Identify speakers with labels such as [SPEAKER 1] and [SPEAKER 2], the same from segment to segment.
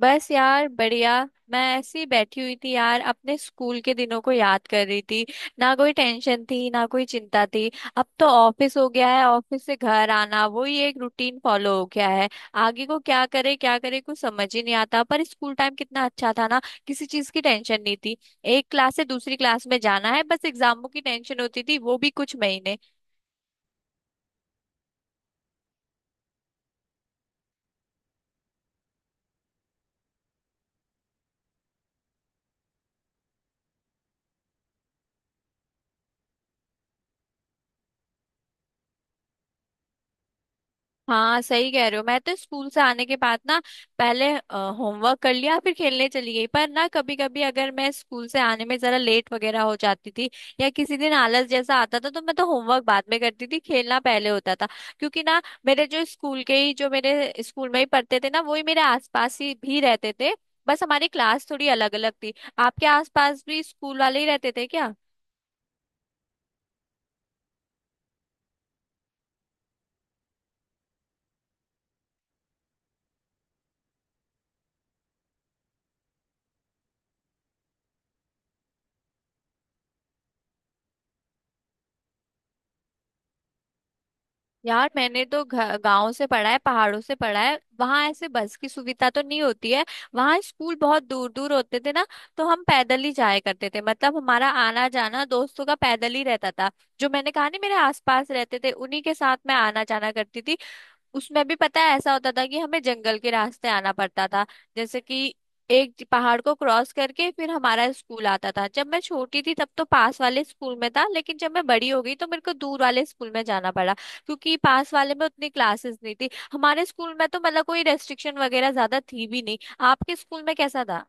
[SPEAKER 1] बस यार बढ़िया। मैं ऐसी बैठी हुई थी यार, अपने स्कूल के दिनों को याद कर रही थी। ना कोई टेंशन थी, ना कोई चिंता थी। अब तो ऑफिस हो गया है, ऑफिस से घर आना, वही एक रूटीन फॉलो हो गया है। आगे को क्या करे क्या करे, कुछ समझ ही नहीं आता। पर स्कूल टाइम कितना अच्छा था ना। किसी चीज की टेंशन नहीं थी, एक क्लास से दूसरी क्लास में जाना है, बस एग्जामों की टेंशन होती थी, वो भी कुछ महीने। हाँ सही कह रहे हो, मैं तो स्कूल से आने के बाद ना पहले होमवर्क कर लिया, फिर खेलने चली गई। पर ना कभी कभी अगर मैं स्कूल से आने में जरा लेट वगैरह हो जाती थी या किसी दिन आलस जैसा आता था, तो मैं तो होमवर्क बाद में करती थी, खेलना पहले होता था। क्योंकि ना मेरे जो स्कूल के ही जो मेरे स्कूल में ही पढ़ते थे ना, वही मेरे आसपास ही भी रहते थे। बस हमारी क्लास थोड़ी अलग अलग थी। आपके आसपास भी स्कूल वाले ही रहते थे क्या? यार मैंने तो गांव से पढ़ा है, पहाड़ों से पढ़ा है, वहां ऐसे बस की सुविधा तो नहीं होती है। वहां स्कूल बहुत दूर दूर होते थे ना। तो हम पैदल ही जाया करते थे, मतलब हमारा आना जाना दोस्तों का पैदल ही रहता था। जो मैंने कहा नहीं मेरे आसपास रहते थे, उन्हीं के साथ मैं आना जाना करती थी। उसमें भी पता है ऐसा होता था कि हमें जंगल के रास्ते आना पड़ता था। जैसे कि एक पहाड़ को क्रॉस करके फिर हमारा स्कूल आता था। जब मैं छोटी थी तब तो पास वाले स्कूल में था, लेकिन जब मैं बड़ी हो गई तो मेरे को दूर वाले स्कूल में जाना पड़ा, क्योंकि पास वाले में उतनी क्लासेस नहीं थी। हमारे स्कूल में तो मतलब कोई रेस्ट्रिक्शन वगैरह ज्यादा थी भी नहीं। आपके स्कूल में कैसा था?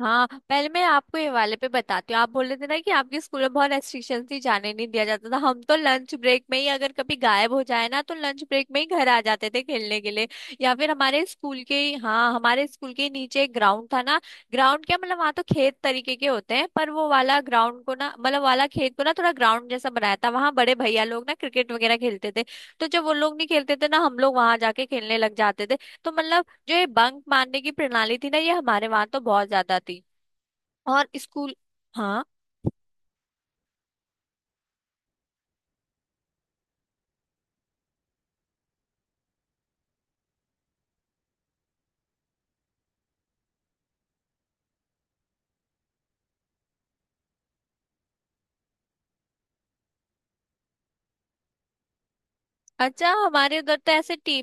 [SPEAKER 1] हाँ पहले मैं आपको ये वाले पे बताती हूँ। आप बोल रहे थे ना कि आपके स्कूल में बहुत रेस्ट्रिक्शन थी, जाने नहीं दिया जाता था। हम तो लंच ब्रेक में ही अगर कभी गायब हो जाए ना, तो लंच ब्रेक में ही घर आ जाते थे खेलने के लिए। या फिर हमारे स्कूल के ही- हाँ, हमारे स्कूल के ही नीचे एक ग्राउंड था ना। ग्राउंड क्या, मतलब वहाँ तो खेत तरीके के होते हैं, पर वो वाला ग्राउंड को ना मतलब वाला खेत को ना थोड़ा ग्राउंड जैसा बनाया था, वहाँ बड़े भैया लोग ना क्रिकेट वगैरह खेलते थे। तो जब वो लोग नहीं खेलते थे ना, हम लोग वहां जाके खेलने लग जाते थे। तो मतलब जो ये बंक मारने की प्रणाली थी ना, ये हमारे वहां तो बहुत ज्यादा थी। और स्कूल हाँ, अच्छा हमारे उधर तो ऐसे टी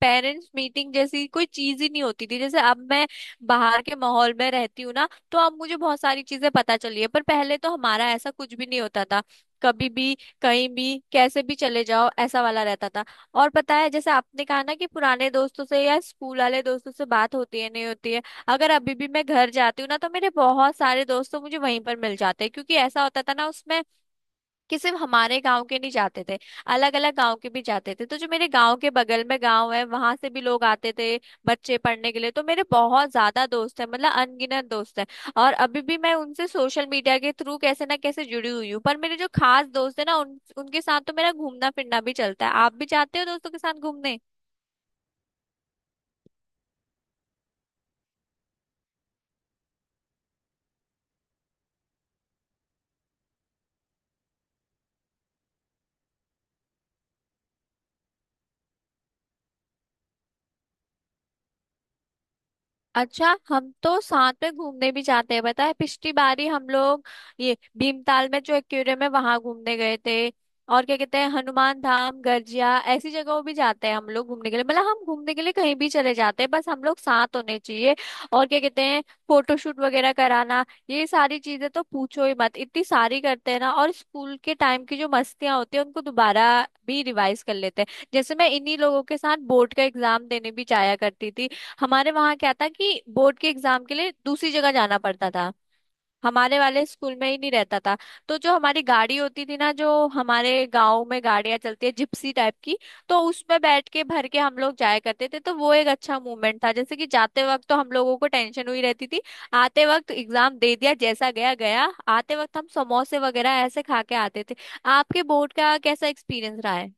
[SPEAKER 1] पेरेंट्स मीटिंग जैसी कोई चीज ही नहीं होती थी। जैसे अब मैं बाहर के माहौल में रहती हूँ ना, तो अब मुझे बहुत सारी चीजें पता चली है। पर पहले तो हमारा ऐसा कुछ भी नहीं होता था। कभी भी कहीं भी कैसे भी चले जाओ, ऐसा वाला रहता था। और पता है जैसे आपने कहा ना कि पुराने दोस्तों से या स्कूल वाले दोस्तों से बात होती है नहीं होती है, अगर अभी भी मैं घर जाती हूँ ना, तो मेरे बहुत सारे दोस्त तो मुझे वहीं पर मिल जाते हैं। क्योंकि ऐसा होता था ना उसमें कि सिर्फ हमारे गांव के नहीं जाते थे, अलग अलग गांव के भी जाते थे। तो जो मेरे गांव के बगल में गांव है, वहां से भी लोग आते थे बच्चे पढ़ने के लिए। तो मेरे बहुत ज्यादा दोस्त है, मतलब अनगिनत दोस्त है। और अभी भी मैं उनसे सोशल मीडिया के थ्रू कैसे ना कैसे जुड़ी हुई हूँ। पर मेरे जो खास दोस्त है ना, उनके साथ तो मेरा घूमना फिरना भी चलता है। आप भी जाते हो दोस्तों के साथ घूमने? अच्छा, हम तो साथ में घूमने भी जाते हैं। बताए, पिछली बारी हम लोग ये भीमताल में जो एक्वेरियम है वहां घूमने गए थे। और क्या कहते हैं, हनुमान धाम, गर्जिया, ऐसी जगहों भी जाते हैं हम लोग घूमने के लिए। मतलब हम घूमने के लिए कहीं भी चले जाते हैं, बस हम लोग साथ होने चाहिए। और क्या कहते हैं, फोटोशूट वगैरह कराना, ये सारी चीजें तो पूछो ही मत, इतनी सारी करते हैं ना। और स्कूल के टाइम की जो मस्तियां होती है उनको दोबारा भी रिवाइज कर लेते हैं। जैसे मैं इन्हीं लोगों के साथ बोर्ड का एग्जाम देने भी जाया करती थी। हमारे वहां क्या था कि बोर्ड के एग्जाम के लिए दूसरी जगह जाना पड़ता था। हमारे वाले स्कूल में ही नहीं रहता था। तो जो हमारी गाड़ी होती थी ना, जो हमारे गांव में गाड़ियां चलती है जिप्सी टाइप की, तो उसमें बैठ के भर के हम लोग जाया करते थे। तो वो एक अच्छा मूवमेंट था। जैसे कि जाते वक्त तो हम लोगों को टेंशन हुई रहती थी, आते वक्त एग्जाम दे दिया जैसा गया गया। आते वक्त हम समोसे वगैरह ऐसे खा के आते थे। आपके बोर्ड का कैसा एक्सपीरियंस रहा है?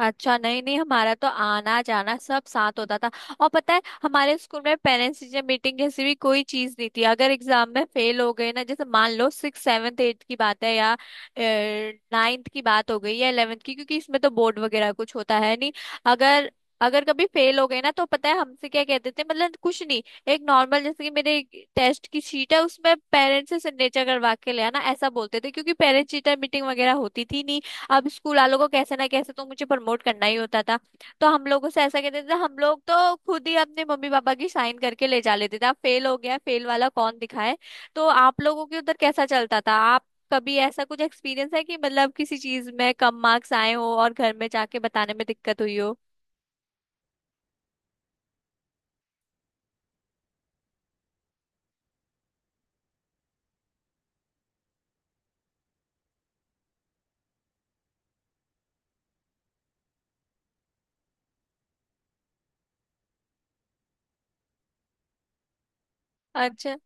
[SPEAKER 1] अच्छा, नहीं नहीं, हमारा तो आना जाना सब साथ होता था। और पता है हमारे स्कूल में पेरेंट्स टीचर मीटिंग जैसी भी कोई चीज नहीं थी। अगर एग्जाम में फेल हो गए ना, जैसे मान लो सिक्स सेवन्थ एट्थ की बात है या नाइन्थ की बात हो गई या इलेवेंथ की, क्योंकि इसमें तो बोर्ड वगैरह कुछ होता है नहीं। अगर अगर कभी फेल हो गए ना, तो पता है हमसे क्या कहते थे? मतलब कुछ नहीं, एक नॉर्मल जैसे कि मेरे टेस्ट की शीट है उसमें पेरेंट्स से सिग्नेचर करवा के ले आना, ऐसा बोलते थे। क्योंकि पेरेंट्स टीचर मीटिंग वगैरह होती थी नहीं, अब स्कूल वालों को कैसे ना कैसे तो मुझे प्रमोट करना ही होता था। तो हम लोगों से ऐसा कहते थे। हम लोग तो खुद ही अपने मम्मी पापा की साइन करके ले जा लेते थे, अब फेल हो गया फेल वाला कौन दिखाए। तो आप लोगों के उधर कैसा चलता था, आप कभी ऐसा कुछ एक्सपीरियंस है कि मतलब किसी चीज में कम मार्क्स आए हो और घर में जाके बताने में दिक्कत हुई हो? अच्छा,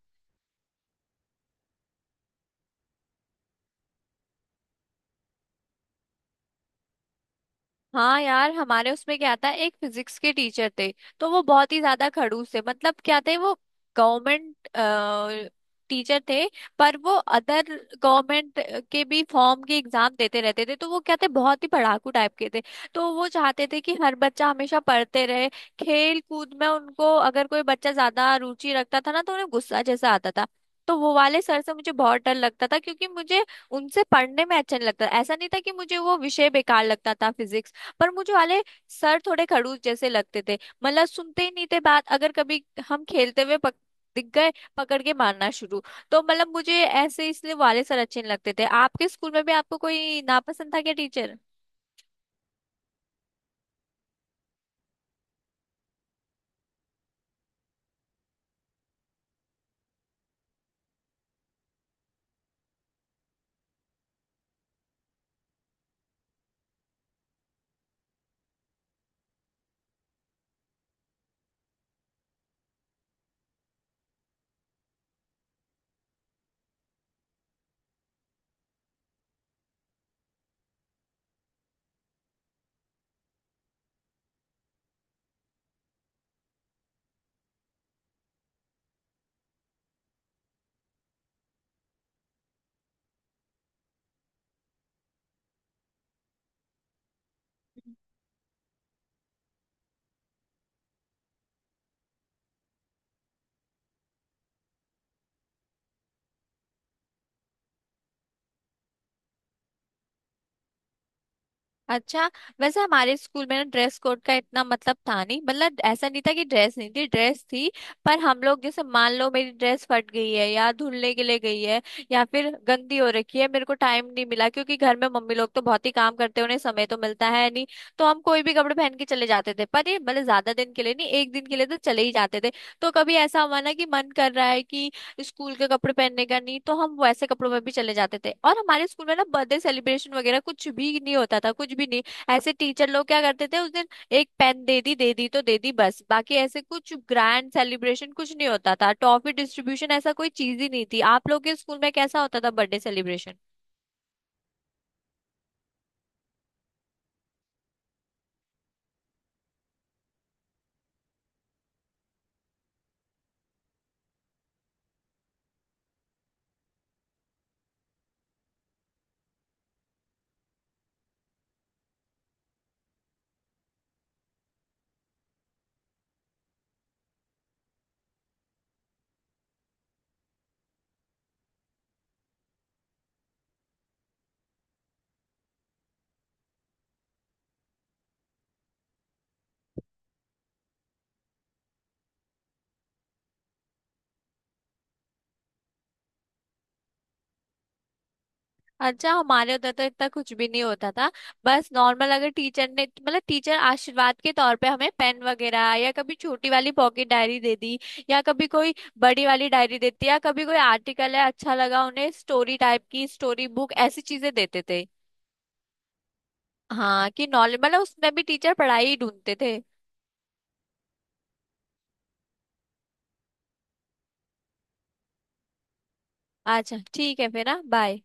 [SPEAKER 1] हाँ यार, हमारे उसमें क्या था, एक फिजिक्स के टीचर थे। तो वो बहुत ही ज्यादा खड़ूस थे, मतलब क्या थे वो। गवर्नमेंट टीचर थे, पर वो अदर गवर्नमेंट के भी फॉर्म के एग्जाम देते रहते थे। तो वो क्या थे, बहुत ही पढ़ाकू टाइप के थे। तो वो चाहते थे कि हर बच्चा हमेशा पढ़ते रहे। खेल कूद में उनको अगर कोई बच्चा ज्यादा रुचि रखता था ना, तो उन्हें गुस्सा जैसा आता था। तो वो वाले सर से मुझे बहुत डर लगता था, क्योंकि मुझे उनसे पढ़ने में अच्छा नहीं लगता। ऐसा नहीं था कि मुझे वो विषय बेकार लगता था, फिजिक्स। पर मुझे वाले सर थोड़े खड़ूस जैसे लगते थे। मतलब सुनते ही नहीं थे बात, अगर कभी हम खेलते हुए दिख गए, पकड़ के मारना शुरू। तो मतलब मुझे ऐसे इसलिए वाले सर अच्छे नहीं लगते थे। आपके स्कूल में भी आपको कोई नापसंद था क्या टीचर? अच्छा। वैसे हमारे स्कूल में ना ड्रेस कोड का इतना मतलब था नहीं। मतलब ऐसा नहीं था कि ड्रेस नहीं थी, ड्रेस थी। पर हम लोग जैसे मान लो मेरी ड्रेस फट गई है या धुलने के लिए गई है या फिर गंदी हो रखी है, मेरे को टाइम नहीं मिला, क्योंकि घर में मम्मी लोग तो बहुत ही काम करते हैं, उन्हें समय तो मिलता है नहीं। तो हम कोई भी कपड़े पहन के चले जाते थे। पर ये मतलब ज्यादा दिन के लिए नहीं, एक दिन के लिए तो चले ही जाते थे। तो कभी ऐसा हुआ ना कि मन कर रहा है कि स्कूल के कपड़े पहनने का नहीं, तो हम वैसे कपड़ों में भी चले जाते थे। और हमारे स्कूल में ना बर्थडे सेलिब्रेशन वगैरह कुछ भी नहीं होता था, कुछ भी नहीं। ऐसे टीचर लोग क्या करते थे उस दिन, एक पेन दे दी, दे दी तो दे दी, बस। बाकी ऐसे कुछ ग्रैंड सेलिब्रेशन कुछ नहीं होता था, टॉफी डिस्ट्रीब्यूशन ऐसा कोई चीज ही नहीं थी। आप लोग के स्कूल में कैसा होता था बर्थडे सेलिब्रेशन? अच्छा, हमारे उधर तो इतना कुछ भी नहीं होता था। बस नॉर्मल अगर टीचर ने मतलब टीचर आशीर्वाद के तौर पे हमें पेन वगैरह या कभी छोटी वाली पॉकेट डायरी दे दी या कभी कोई बड़ी वाली डायरी देती या कभी कोई आर्टिकल है अच्छा लगा उन्हें, स्टोरी टाइप की स्टोरी बुक, ऐसी चीजें देते थे। हाँ कि नॉर्मल मतलब उसमें भी टीचर पढ़ाई ही ढूंढते थे। अच्छा, ठीक है, फिर ना, बाय।